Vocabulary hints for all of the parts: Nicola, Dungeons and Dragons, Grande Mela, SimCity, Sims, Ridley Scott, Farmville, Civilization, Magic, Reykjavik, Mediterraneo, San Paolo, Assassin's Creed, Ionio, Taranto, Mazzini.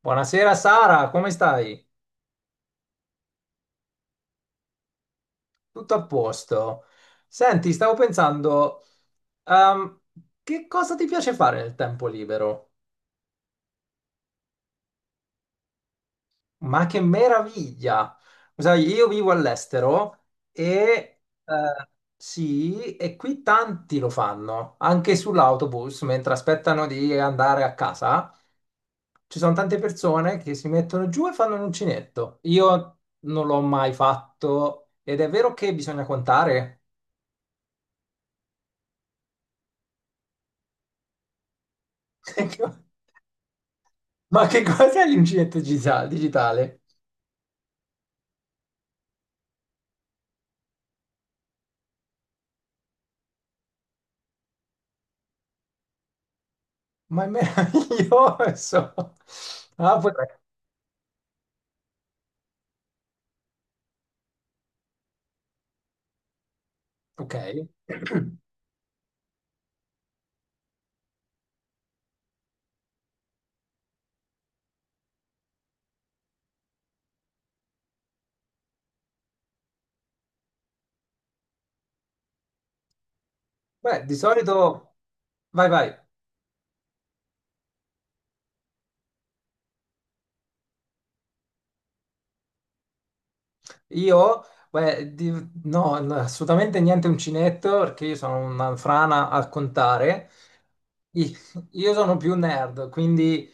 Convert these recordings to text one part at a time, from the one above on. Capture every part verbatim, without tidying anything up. Buonasera Sara, come stai? Tutto a posto? Senti, stavo pensando, ehm, che cosa ti piace fare nel tempo libero? Ma che meraviglia! Sai, io vivo all'estero e eh, sì, e qui tanti lo fanno, anche sull'autobus, mentre aspettano di andare a casa. Ci sono tante persone che si mettono giù e fanno un uncinetto. Io non l'ho mai fatto ed è vero che bisogna contare. Ma che cos'è l'uncinetto gisa- digitale? Ma è meraviglioso. Ah, potrei. Ok. Beh, di solito... Vai, vai. Io... Beh, di- no, no, assolutamente niente uncinetto, perché io sono una frana a contare. I- Io sono più nerd, quindi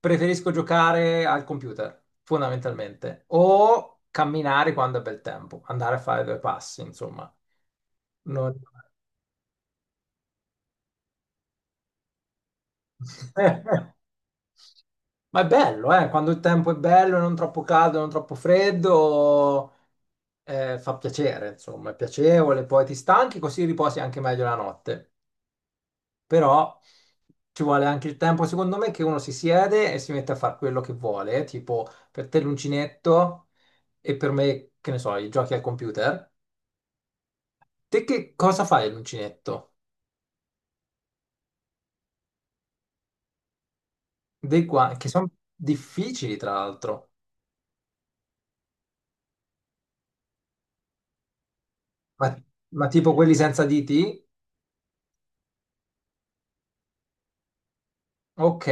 preferisco giocare al computer, fondamentalmente. O camminare quando è bel tempo, andare a fare due passi, insomma. Non- Ma è bello, eh? Quando il tempo è bello, non troppo caldo, non troppo freddo, eh, fa piacere, insomma, è piacevole, poi ti stanchi, così riposi anche meglio la notte. Però ci vuole anche il tempo, secondo me, che uno si siede e si mette a fare quello che vuole, eh, tipo per te l'uncinetto e per me, che ne so, i giochi al computer. Te che cosa fai all'uncinetto? Dei qua, che sono difficili, tra l'altro. Ma, ma tipo quelli senza diti? Ok.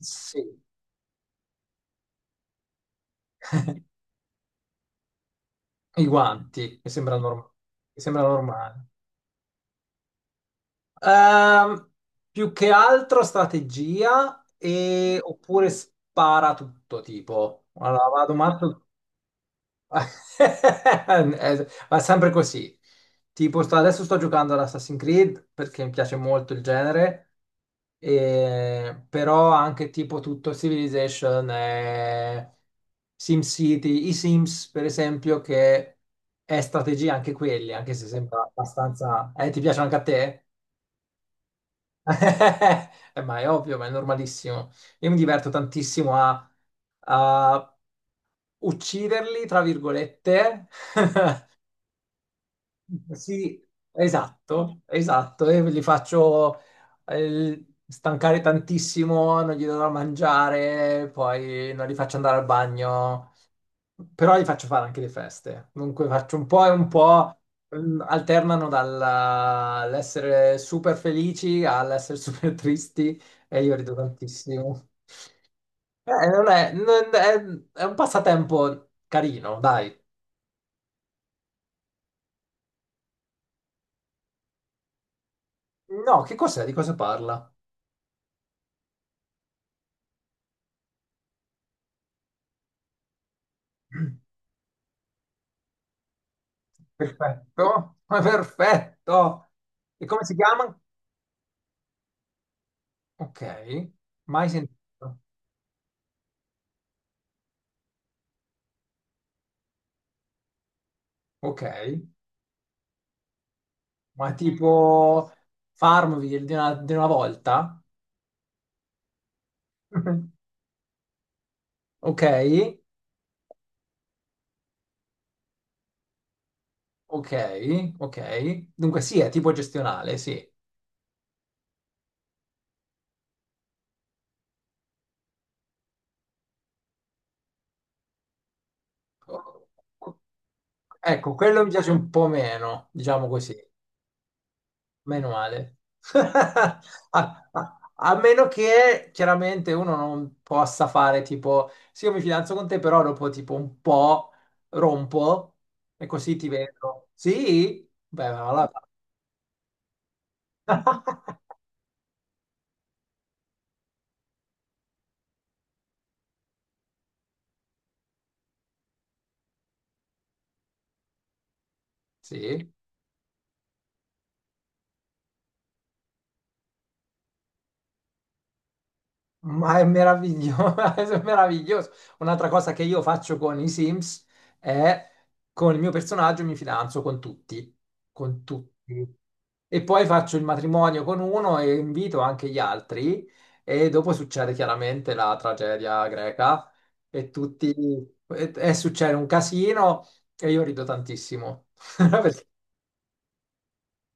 Sì, i guanti, mi sembra, norm- mi sembra normale. Ehm, Più che altro strategia e... oppure spara tutto tipo. Allora, vado matto. Eh, va sempre così. Tipo, sto- adesso sto giocando ad Assassin's Creed perché mi piace molto il genere, e- però anche tipo tutto Civilization, eh, SimCity, i Sims per esempio, che è strategia anche quelli, anche se sembra abbastanza... Eh, ti piacciono anche a te? Eh, ma è ovvio, ma è normalissimo. Io mi diverto tantissimo a, a ucciderli, tra virgolette. Sì, esatto, esatto. E li faccio eh, stancare tantissimo, non gli do da mangiare, poi non li faccio andare al bagno, però li faccio fare anche le feste. Dunque faccio un po' e un po', mm, alternano dall'essere super felici all'essere super tristi e io rido tantissimo. Eh, non è, non è, è un passatempo carino, dai. No, che cos'è? Di cosa parla? Perfetto, ma perfetto. E come si chiama? Ok, mai sentito. Ok, ma tipo Farmville di una, di una volta? Ok, ok, ok. Dunque sì, è tipo gestionale, sì. Ecco, quello mi piace un po' meno, diciamo così. Meno male. A, a- A meno che chiaramente uno non possa fare tipo, sì, io mi fidanzo con te, però dopo tipo un po' rompo e così ti vedo. Sì? Beh, allora. Sì. Ma è meraviglioso, è meraviglioso. Un'altra cosa che io faccio con i Sims è con il mio personaggio mi fidanzo con tutti, con tutti. E poi faccio il matrimonio con uno e invito anche gli altri e dopo succede chiaramente la tragedia greca e tutti e, e succede un casino e io rido tantissimo.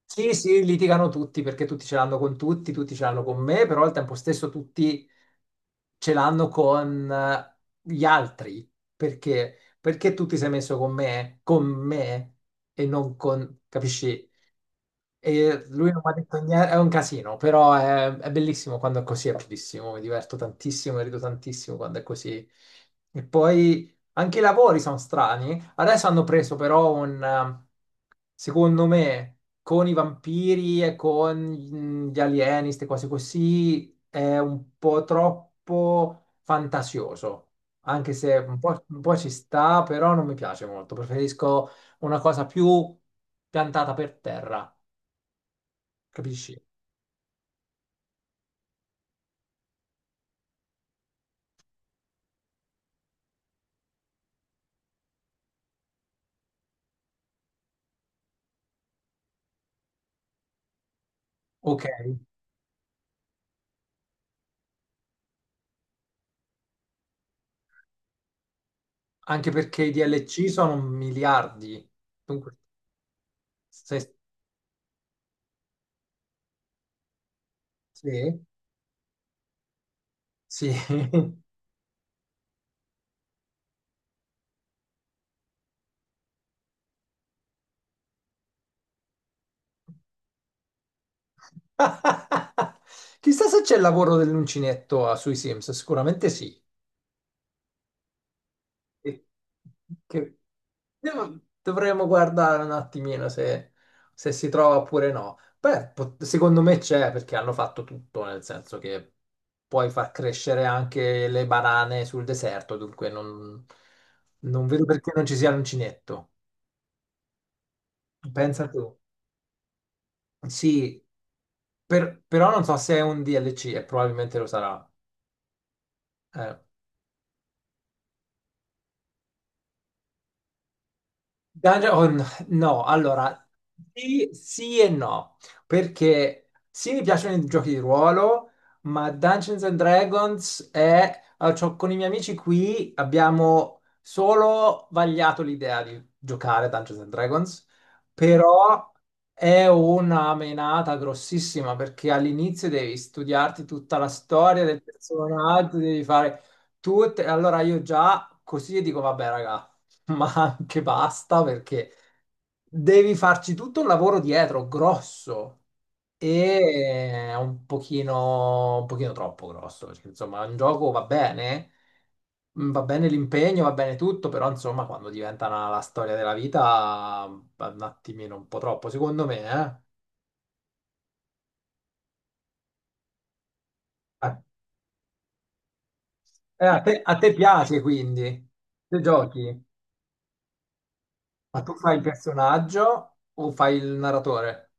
Sì, sì, litigano tutti perché tutti ce l'hanno con tutti, tutti ce l'hanno con me, però al tempo stesso tutti ce l'hanno con eh, gli altri. Perché? Perché tu ti sei messo con me, con me e non con, capisci? E lui non mi ha detto niente, è un casino, però è, è bellissimo quando è così, è bellissimo, mi diverto tantissimo, mi rido tantissimo quando è così. E poi anche i lavori sono strani. Adesso hanno preso però un, eh, secondo me, con i vampiri e con mm, gli alieni, queste cose così, è un po' troppo fantasioso. Anche se un po', un po' ci sta, però non mi piace molto. Preferisco una cosa più piantata per terra. Capisci? Ok, anche perché i D L C sono miliardi. Dunque, se, se- sì. Chissà se c'è il lavoro dell'uncinetto ah, sui Sims, sicuramente sì. Sì. Che... Devo- Dovremmo guardare un attimino se, se si trova oppure no. Beh, po- secondo me c'è perché hanno fatto tutto, nel senso che puoi far crescere anche le banane sul deserto, dunque non, non vedo perché non ci sia l'uncinetto. Pensa tu. Sì, per- però non so se è un D L C e probabilmente lo sarà. Eh. Dungeon- oh, no, no, allora sì, sì e no, perché sì mi piacciono i giochi di ruolo, ma Dungeons and Dragons è... ah, c'ho- con i miei amici qui abbiamo solo vagliato l'idea di giocare a Dungeons and Dragons, però è una menata grossissima perché all'inizio devi studiarti tutta la storia del personaggio, devi fare tutte... Allora io già così dico, vabbè ragazzi. Ma anche basta perché devi farci tutto un lavoro dietro grosso e è un pochino, un pochino troppo grosso perché insomma un gioco va bene, mm, va bene l'impegno, va bene tutto, però insomma quando diventa una- la storia della vita va un attimino un po' troppo secondo me, eh. A, eh, a te, a te piace quindi, se giochi, ma tu fai il personaggio o fai il narratore?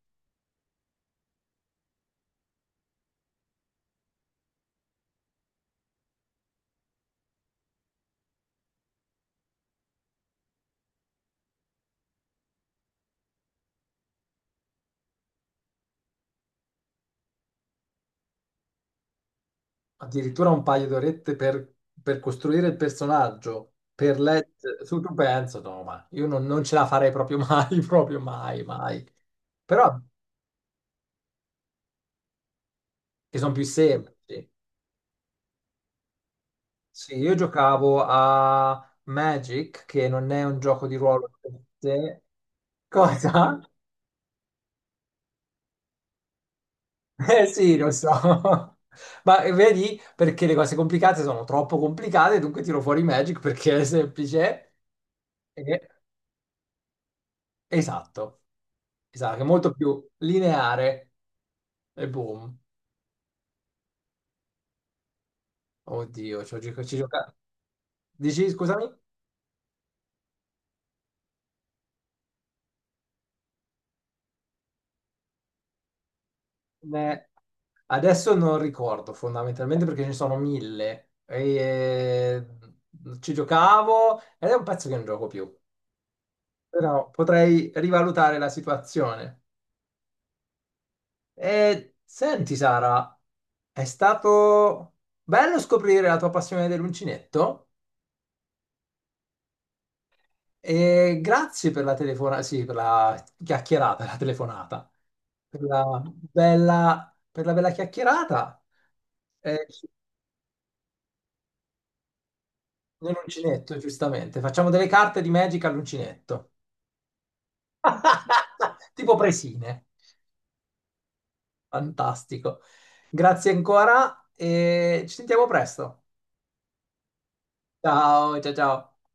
Addirittura un paio d'orette per, per costruire il personaggio, per leggere, su tu penso, no, ma io non, non ce la farei proprio mai, proprio mai, mai. Però che sono più semplici. Sì, io giocavo a Magic, che non è un gioco di ruolo. Per sé. Cosa? Eh sì, lo so. Ma eh, vedi, perché le cose complicate sono troppo complicate, dunque tiro fuori Magic perché è semplice. Esatto, esatto, è molto più lineare e boom. Oddio, ci ho gioca- ci gioca- Dici, scusami? Ne- Adesso non ricordo fondamentalmente perché ce ne sono mille. E, eh, ci giocavo ed è un pezzo che non gioco più. Però potrei rivalutare la situazione. E senti, Sara, è stato bello scoprire la tua passione dell'uncinetto. E grazie per la telefonata, sì, per la chiacchierata, la telefonata, per la bella, per la bella chiacchierata eh, nell'uncinetto, giustamente. Facciamo delle carte di Magic all'uncinetto, tipo presine. Fantastico. Grazie ancora e ci sentiamo presto. Ciao, ciao, ciao.